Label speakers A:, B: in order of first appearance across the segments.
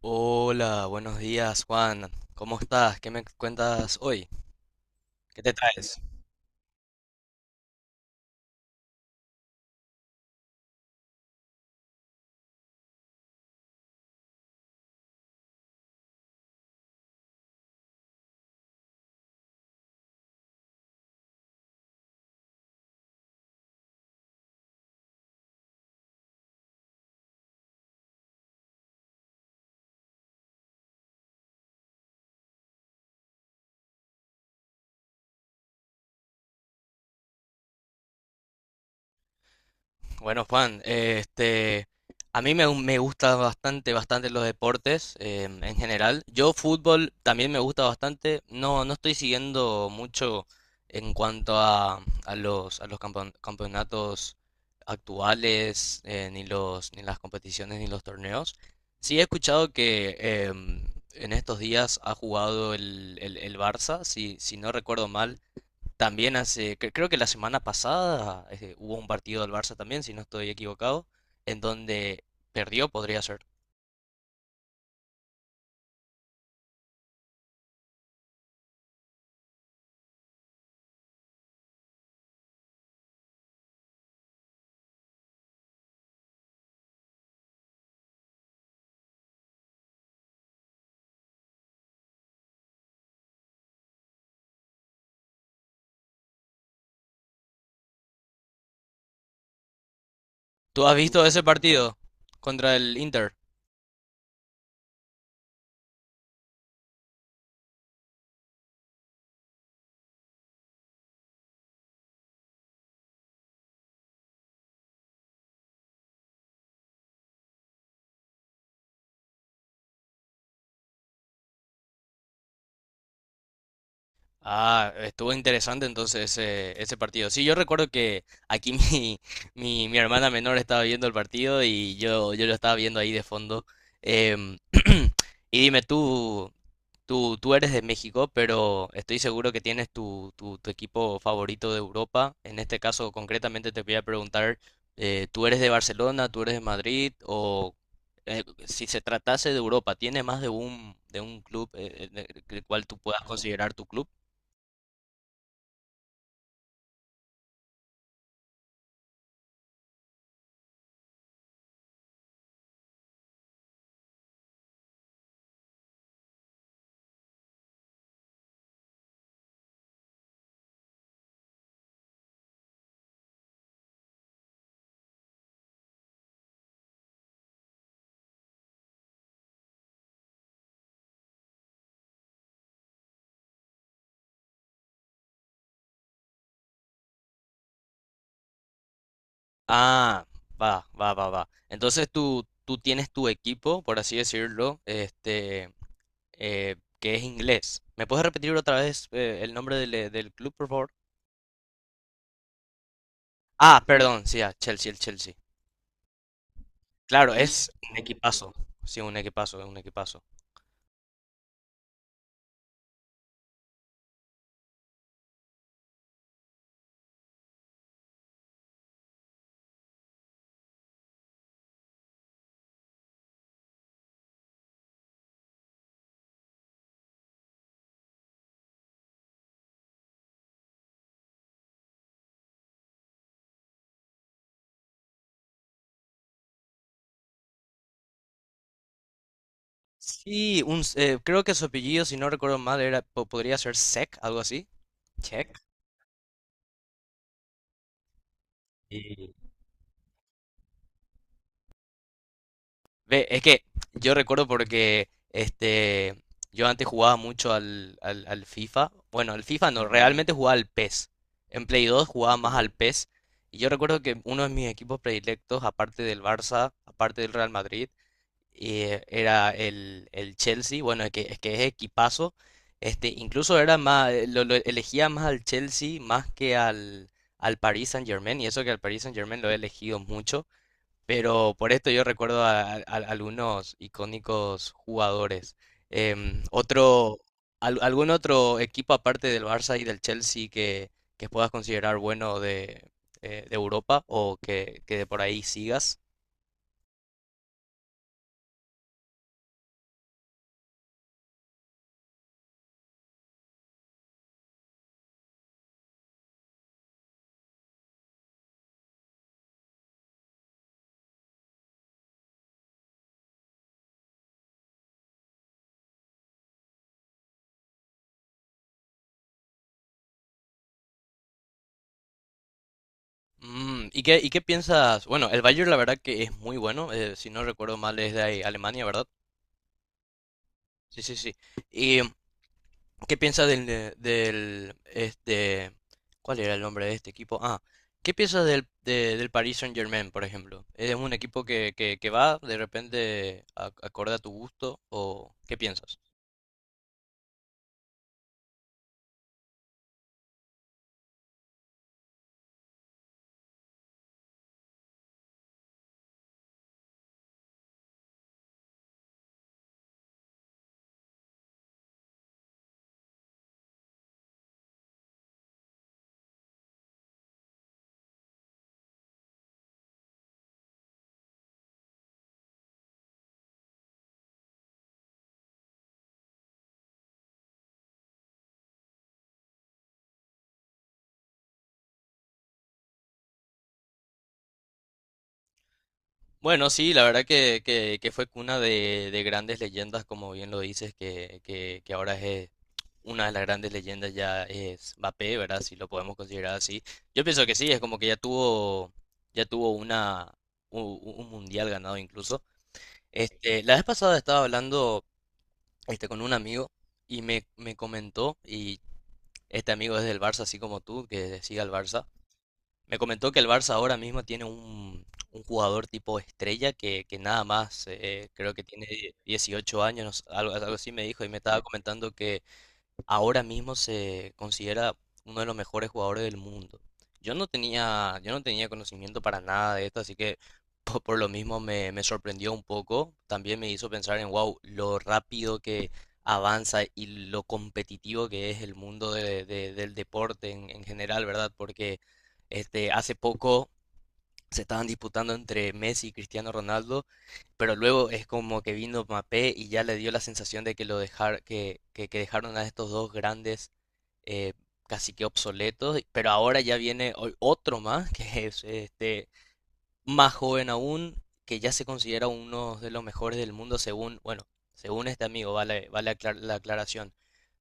A: Hola, buenos días, Juan. ¿Cómo estás? ¿Qué me cuentas hoy? ¿Qué te traes? Bueno, Juan, a mí me gusta bastante los deportes en general. Yo fútbol también me gusta bastante. No estoy siguiendo mucho en cuanto a a los campeonatos actuales, ni ni las competiciones, ni los torneos. Sí he escuchado que em, en estos días ha jugado el Barça, si no recuerdo mal, también creo que la semana pasada hubo un partido del Barça también, si no estoy equivocado, en donde perdió, podría ser. ¿Tú has visto ese partido contra el Inter? Ah, estuvo interesante entonces ese partido. Sí, yo recuerdo que aquí mi hermana menor estaba viendo el partido y yo lo estaba viendo ahí de fondo. Em, y dime tú. Tú eres de México, pero estoy seguro que tienes tu equipo favorito de Europa. En este caso, concretamente, te voy a preguntar, ¿tú eres de Barcelona, tú eres de Madrid? O si se tratase de Europa, ¿tienes más de de un club el cual tú puedas considerar tu club? Ah, va. Entonces tú tienes tu equipo, por así decirlo, que es inglés. ¿Me puedes repetir otra vez el nombre del club, por favor? Ah, perdón, sí, ah, Chelsea, el Chelsea. Claro, es un equipazo. Sí, un equipazo, es un equipazo. Sí, creo que su apellido, si no recuerdo mal, podría ser Sek, algo así. Check. Y ve, es que yo recuerdo porque yo antes jugaba mucho al FIFA. Bueno, al FIFA no, realmente jugaba al PES. En Play 2 jugaba más al PES. Y yo recuerdo que uno de mis equipos predilectos, aparte del Barça, aparte del Real Madrid, era el Chelsea, bueno, es que es equipazo. Este, incluso era más, lo elegía más al Chelsea más que al, al Paris Saint-Germain, y eso que al Paris Saint-Germain lo he elegido mucho, pero por esto yo recuerdo a algunos icónicos jugadores. Em, otro, ¿Algún otro equipo aparte del Barça y del Chelsea que puedas considerar bueno de Europa o que de por ahí sigas? Mm, ¿y qué piensas? Bueno, el Bayern la verdad que es muy bueno, si no recuerdo mal es de ahí, Alemania, ¿verdad? Sí, sí, sí. ¿Y qué piensas del, cuál era el nombre de este equipo? Ah, ¿qué piensas del Paris Saint-Germain, por ejemplo? ¿Es un equipo que va de repente acorde a tu gusto o qué piensas? Bueno, sí, la verdad que fue cuna de grandes leyendas, como bien lo dices, que ahora es una de las grandes leyendas ya es Mbappé, ¿verdad? Si lo podemos considerar así. Yo pienso que sí, es como que ya tuvo un mundial ganado incluso. Este, la vez pasada estaba hablando con un amigo y me comentó, y este amigo es del Barça, así como tú, que sigue al Barça, me comentó que el Barça ahora mismo tiene un jugador tipo estrella que nada más, creo que tiene 18 años, no sé, algo así me dijo, y me estaba comentando que ahora mismo se considera uno de los mejores jugadores del mundo. Yo no tenía conocimiento para nada de esto, así que lo mismo me sorprendió un poco. También me hizo pensar en, wow, lo rápido que avanza y lo competitivo que es el mundo del deporte en general, ¿verdad? Porque hace poco se estaban disputando entre Messi y Cristiano Ronaldo, pero luego es como que vino Mbappé y ya le dio la sensación de que lo dejar, que dejaron a estos dos grandes eh, casi que obsoletos, pero ahora ya viene otro más, que es este más joven aún, que ya se considera uno de los mejores del mundo según, bueno, según este amigo, vale, la aclaración.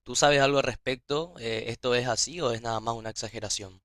A: ¿Tú sabes algo al respecto? ¿Esto es así o es nada más una exageración?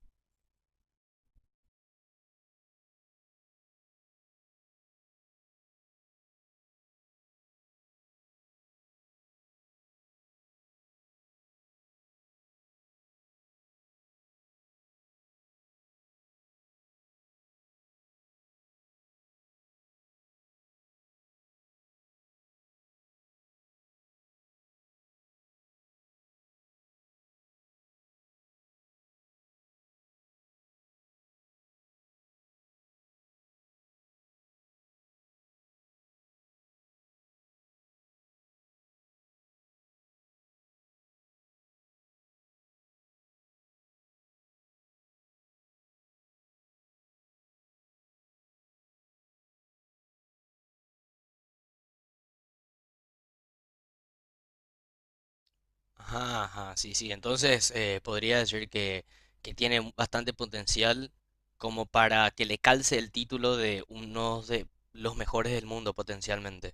A: Ajá, ajá, sí, sí. Entonces, podría decir que tiene bastante potencial como para que le calce el título de uno de los mejores del mundo potencialmente.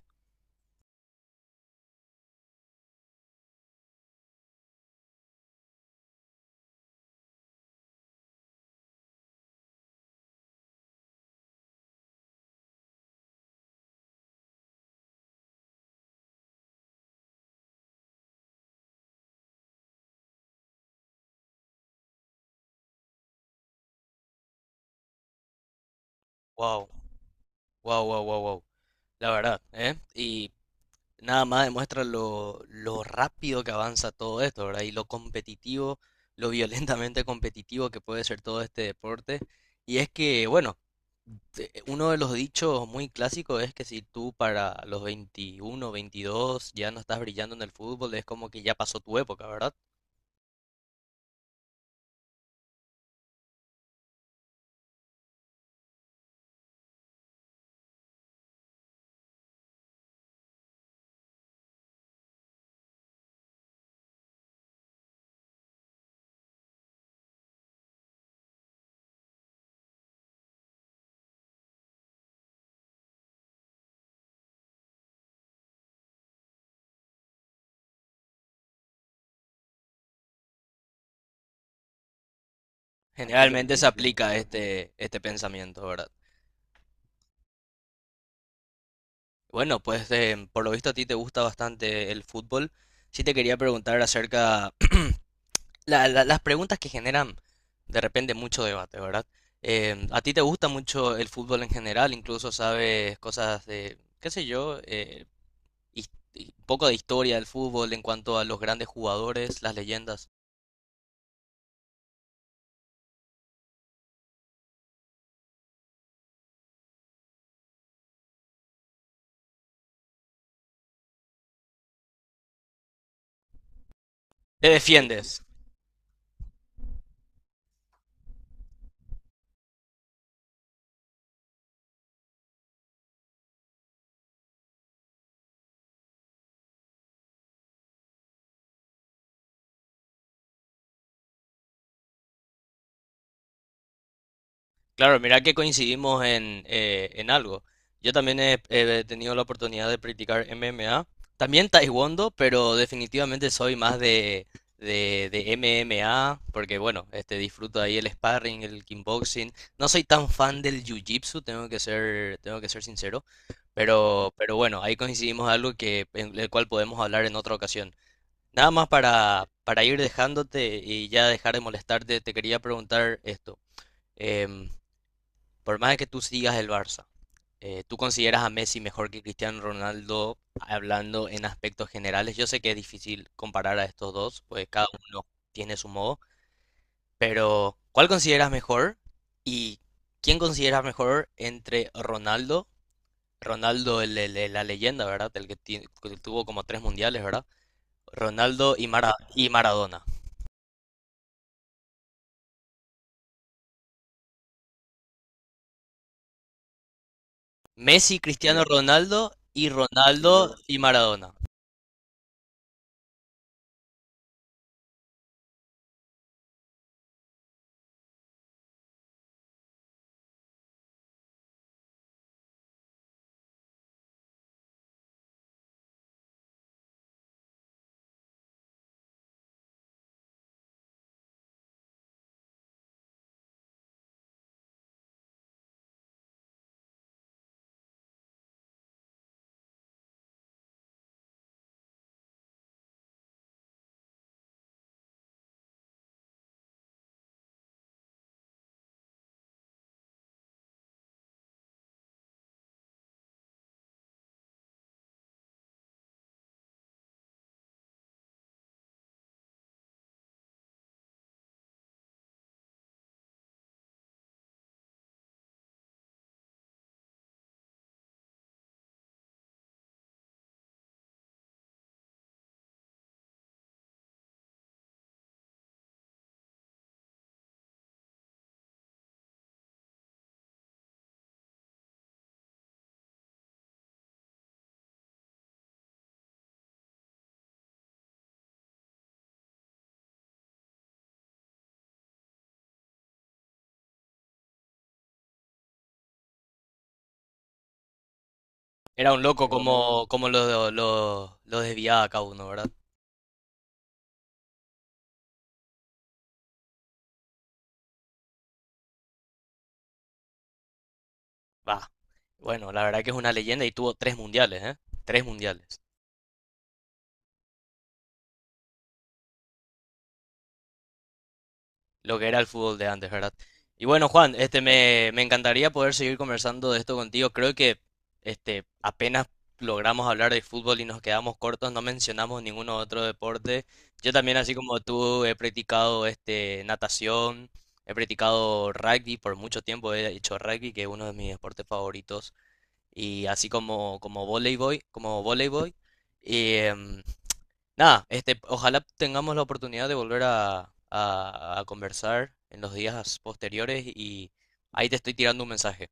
A: Wow, wow. La verdad, ¿eh? Y nada más demuestra lo rápido que avanza todo esto, ¿verdad? Y lo competitivo, lo violentamente competitivo que puede ser todo este deporte. Y es que, bueno, uno de los dichos muy clásicos es que si tú para los 21, 22 ya no estás brillando en el fútbol, es como que ya pasó tu época, ¿verdad? Generalmente se aplica este pensamiento, ¿verdad? Bueno, pues por lo visto a ti te gusta bastante el fútbol. Sí te quería preguntar acerca las preguntas que generan de repente mucho debate, ¿verdad? Em, a ti te gusta mucho el fútbol en general, incluso sabes cosas de, qué sé yo, y un poco de historia del fútbol en cuanto a los grandes jugadores, las leyendas. ¿Te defiendes? Claro, mira que coincidimos en algo. Yo también he tenido la oportunidad de practicar MMA, también Taekwondo, pero definitivamente soy más de MMA, porque bueno, este, disfruto ahí el sparring, el kickboxing. No soy tan fan del jiu-jitsu, tengo que ser sincero, pero bueno, ahí coincidimos en algo que, en el cual podemos hablar en otra ocasión. Nada más para ir dejándote y ya dejar de molestarte, te quería preguntar esto. Em, por más de que tú sigas el Barça, ¿tú consideras a Messi mejor que Cristiano Ronaldo hablando en aspectos generales? Yo sé que es difícil comparar a estos dos, pues cada uno tiene su modo, pero ¿cuál consideras mejor? ¿Y quién consideras mejor entre Ronaldo, Ronaldo la leyenda, ¿verdad? El que tuvo como tres mundiales, ¿verdad? Ronaldo y Maradona. Messi, Cristiano Ronaldo y Ronaldo y Maradona. Era un loco como, lo desviaba cada uno, ¿verdad? Va. Bueno, la verdad que es una leyenda y tuvo tres mundiales, ¿eh? Tres mundiales. Lo que era el fútbol de antes, ¿verdad? Y bueno, Juan, me encantaría poder seguir conversando de esto contigo. Creo que este apenas logramos hablar de fútbol y nos quedamos cortos, no mencionamos ningún otro deporte. Yo también, así como tú, he practicado este natación, he practicado rugby por mucho tiempo, he hecho rugby, que es uno de mis deportes favoritos, y así como voleibol, como voleibol. Nada, este, ojalá tengamos la oportunidad de volver a conversar en los días posteriores y ahí te estoy tirando un mensaje.